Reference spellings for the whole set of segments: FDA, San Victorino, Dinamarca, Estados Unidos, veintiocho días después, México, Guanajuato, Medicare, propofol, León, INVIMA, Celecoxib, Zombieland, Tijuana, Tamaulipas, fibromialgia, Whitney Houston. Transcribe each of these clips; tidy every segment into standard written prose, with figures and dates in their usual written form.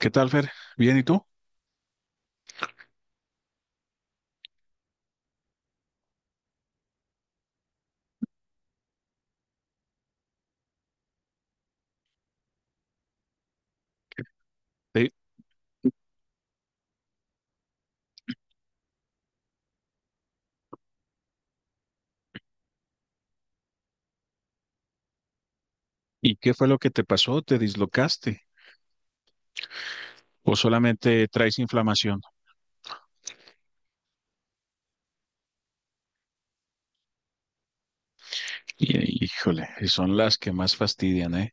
¿Qué tal, Fer? ¿Bien y tú? Sí. ¿Y qué fue lo que te pasó? ¿Te dislocaste? ¿O solamente traes inflamación? Y, híjole, y son las que más fastidian, ¿eh?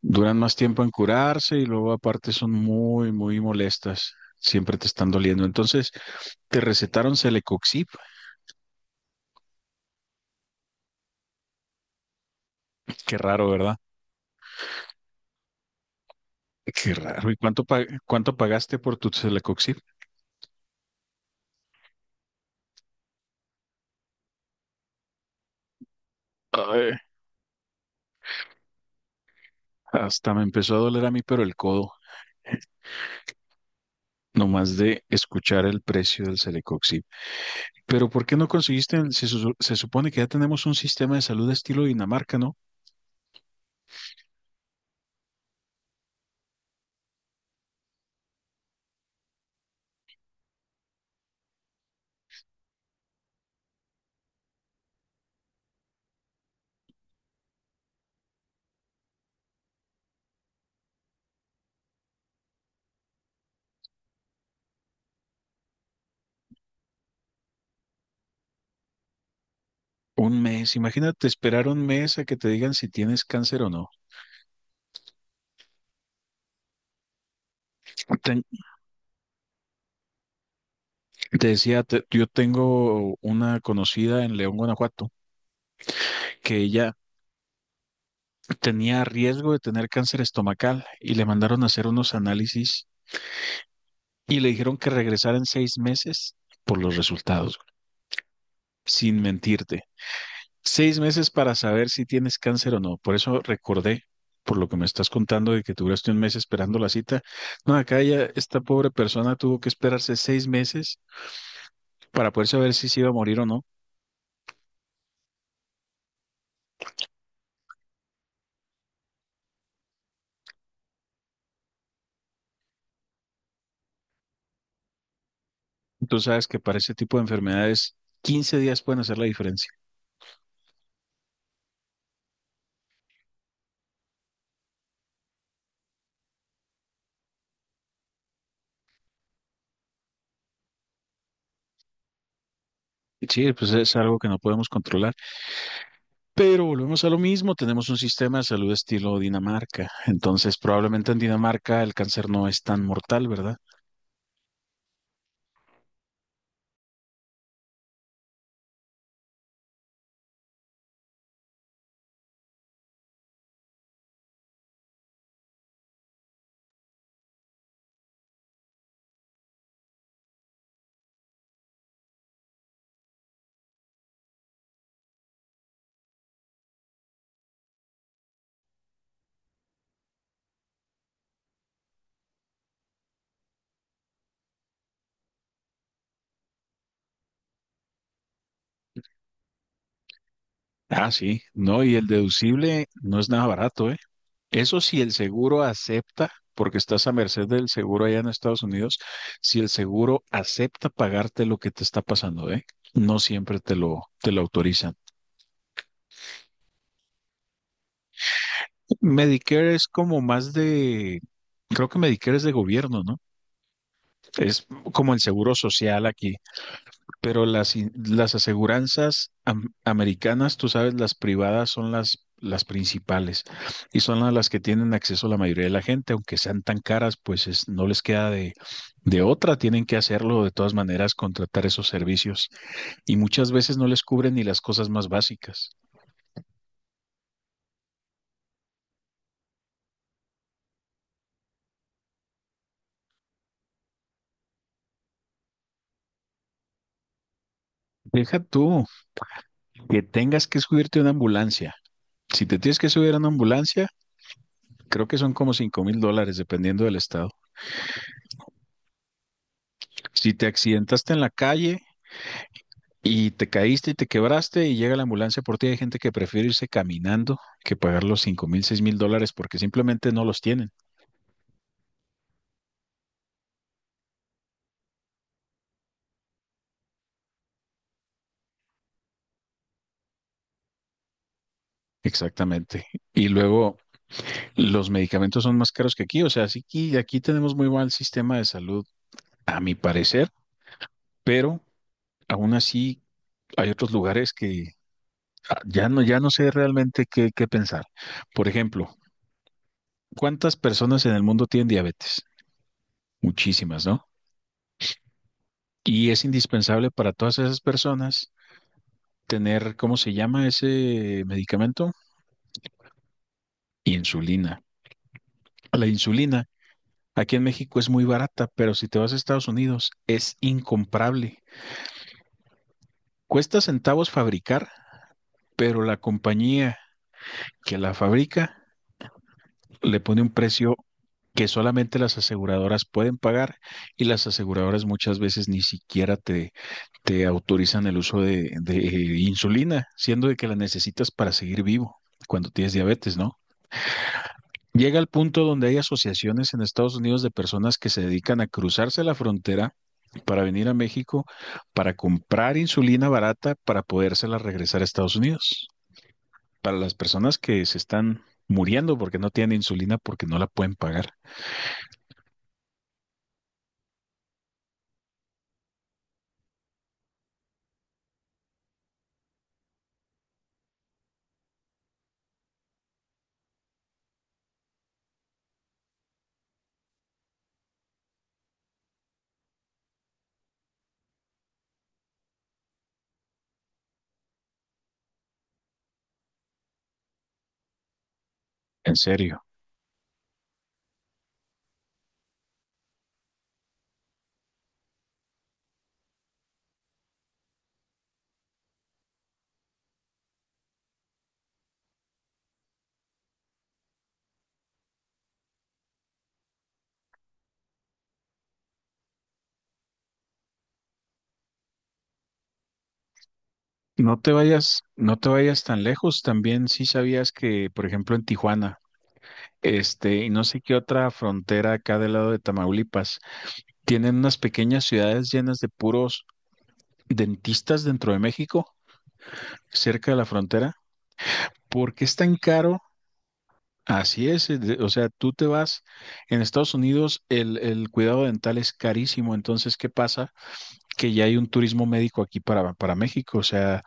Duran más tiempo en curarse y luego aparte son muy, muy molestas. Siempre te están doliendo. Entonces, te recetaron Celecoxib. Qué raro, ¿verdad? Qué raro. ¿Y cuánto, cuánto pagaste por tu Celecoxib? Ay, hasta me empezó a doler a mí, pero el codo. Nomás de escuchar el precio del Celecoxib. Pero ¿por qué no conseguiste? Se supone que ya tenemos un sistema de salud estilo Dinamarca, ¿no? Un mes, imagínate esperar un mes a que te digan si tienes cáncer o no. Ten- Te decía, yo tengo una conocida en León, Guanajuato, que ella tenía riesgo de tener cáncer estomacal y le mandaron a hacer unos análisis y le dijeron que regresara en 6 meses por los resultados, sin mentirte. 6 meses para saber si tienes cáncer o no. Por eso recordé, por lo que me estás contando de que duraste un mes esperando la cita. No, acá ya esta pobre persona tuvo que esperarse 6 meses para poder saber si se iba a morir o no. Y tú sabes que para ese tipo de enfermedades, 15 días pueden hacer la diferencia. Y sí, pues es algo que no podemos controlar. Pero volvemos a lo mismo, tenemos un sistema de salud estilo Dinamarca. Entonces, probablemente en Dinamarca el cáncer no es tan mortal, ¿verdad? Ah, sí, no, y el deducible no es nada barato, ¿eh? Eso si el seguro acepta, porque estás a merced del seguro allá en Estados Unidos, si el seguro acepta pagarte lo que te está pasando, ¿eh? No siempre te lo autorizan. Medicare es como más creo que Medicare es de gobierno, ¿no? Es como el seguro social aquí. Pero las aseguranzas americanas, tú sabes, las privadas son las principales y son a las que tienen acceso la mayoría de la gente, aunque sean tan caras, no les queda de otra, tienen que hacerlo de todas maneras, contratar esos servicios y muchas veces no les cubren ni las cosas más básicas. Deja tú que tengas que subirte a una ambulancia. Si te tienes que subir a una ambulancia, creo que son como $5,000 dependiendo del estado. Si te accidentaste en la calle, y te caíste y te quebraste y llega la ambulancia por ti. Hay gente que prefiere irse caminando que pagar los $5,000, $6,000 porque simplemente no los tienen. Exactamente. Y luego los medicamentos son más caros que aquí. O sea, sí que aquí tenemos muy mal sistema de salud, a mi parecer, pero aún así hay otros lugares que ah, ya no sé realmente qué pensar. Por ejemplo, ¿cuántas personas en el mundo tienen diabetes? Muchísimas, ¿no? Y es indispensable para todas esas personas tener, ¿cómo se llama ese medicamento? Insulina. La insulina aquí en México es muy barata, pero si te vas a Estados Unidos es incomparable. Cuesta centavos fabricar, pero la compañía que la fabrica le pone un precio que solamente las aseguradoras pueden pagar y las aseguradoras muchas veces ni siquiera te autorizan el uso de insulina, siendo de que la necesitas para seguir vivo cuando tienes diabetes, ¿no? Llega al punto donde hay asociaciones en Estados Unidos de personas que se dedican a cruzarse la frontera para venir a México, para comprar insulina barata, para podérsela regresar a Estados Unidos. Para las personas que se están muriendo porque no tienen insulina, porque no la pueden pagar. En serio. No te vayas tan lejos. También sí sabías que, por ejemplo, en Tijuana, este, y no sé qué otra frontera acá del lado de Tamaulipas, tienen unas pequeñas ciudades llenas de puros dentistas dentro de México, cerca de la frontera. ¿Por qué es tan caro? Así es, o sea, tú te vas, en Estados Unidos el cuidado dental es carísimo, entonces, ¿qué pasa? Que ya hay un turismo médico aquí para México, o sea,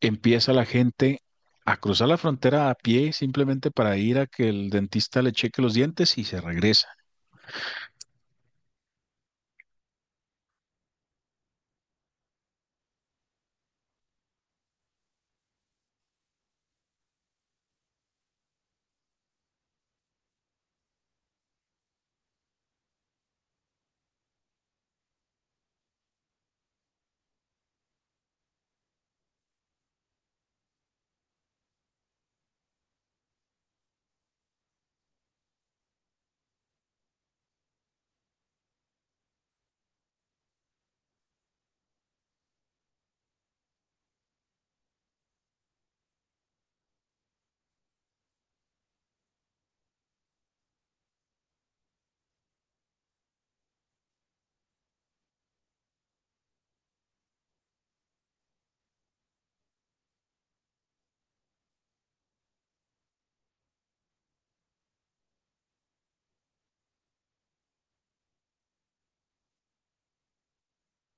empieza la gente a cruzar la frontera a pie simplemente para ir a que el dentista le cheque los dientes y se regresa.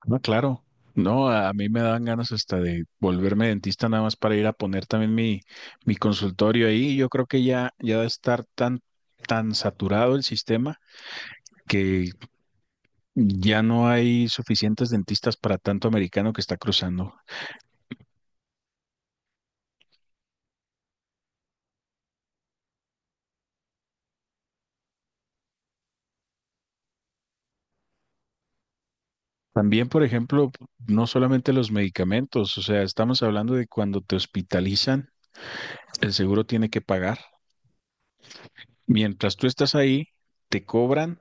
No, claro. No, a mí me dan ganas hasta de volverme dentista nada más para ir a poner también mi consultorio ahí. Yo creo que ya de estar tan, tan saturado el sistema que ya no hay suficientes dentistas para tanto americano que está cruzando. También, por ejemplo, no solamente los medicamentos, o sea, estamos hablando de cuando te hospitalizan, el seguro tiene que pagar. Mientras tú estás ahí, te cobran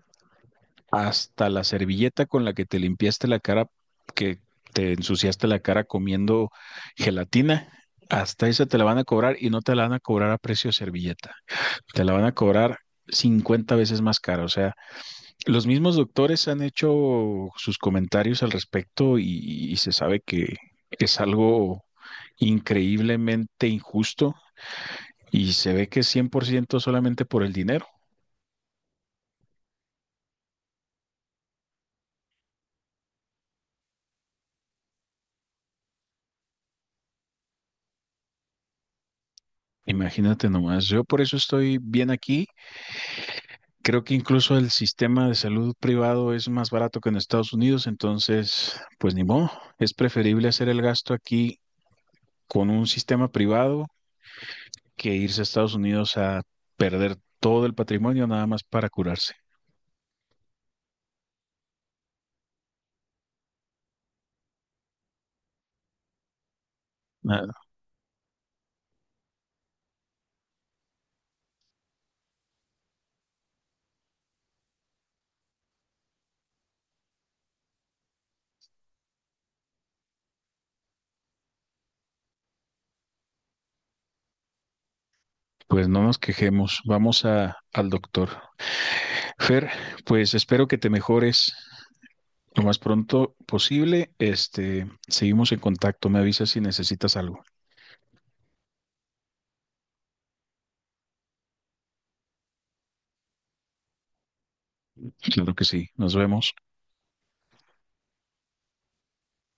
hasta la servilleta con la que te limpiaste la cara, que te ensuciaste la cara comiendo gelatina, hasta esa te la van a cobrar y no te la van a cobrar a precio de servilleta. Te la van a cobrar 50 veces más cara. O sea, los mismos doctores han hecho sus comentarios al respecto y se sabe que es algo increíblemente injusto y se ve que es 100% solamente por el dinero. Imagínate nomás, yo por eso estoy bien aquí. Creo que incluso el sistema de salud privado es más barato que en Estados Unidos, entonces, pues ni modo, es preferible hacer el gasto aquí con un sistema privado que irse a Estados Unidos a perder todo el patrimonio nada más para curarse. Nada, pues no nos quejemos, vamos a, al doctor. Fer, pues espero que te mejores lo más pronto posible. Este, seguimos en contacto, me avisas si necesitas algo. Claro que sí, nos vemos.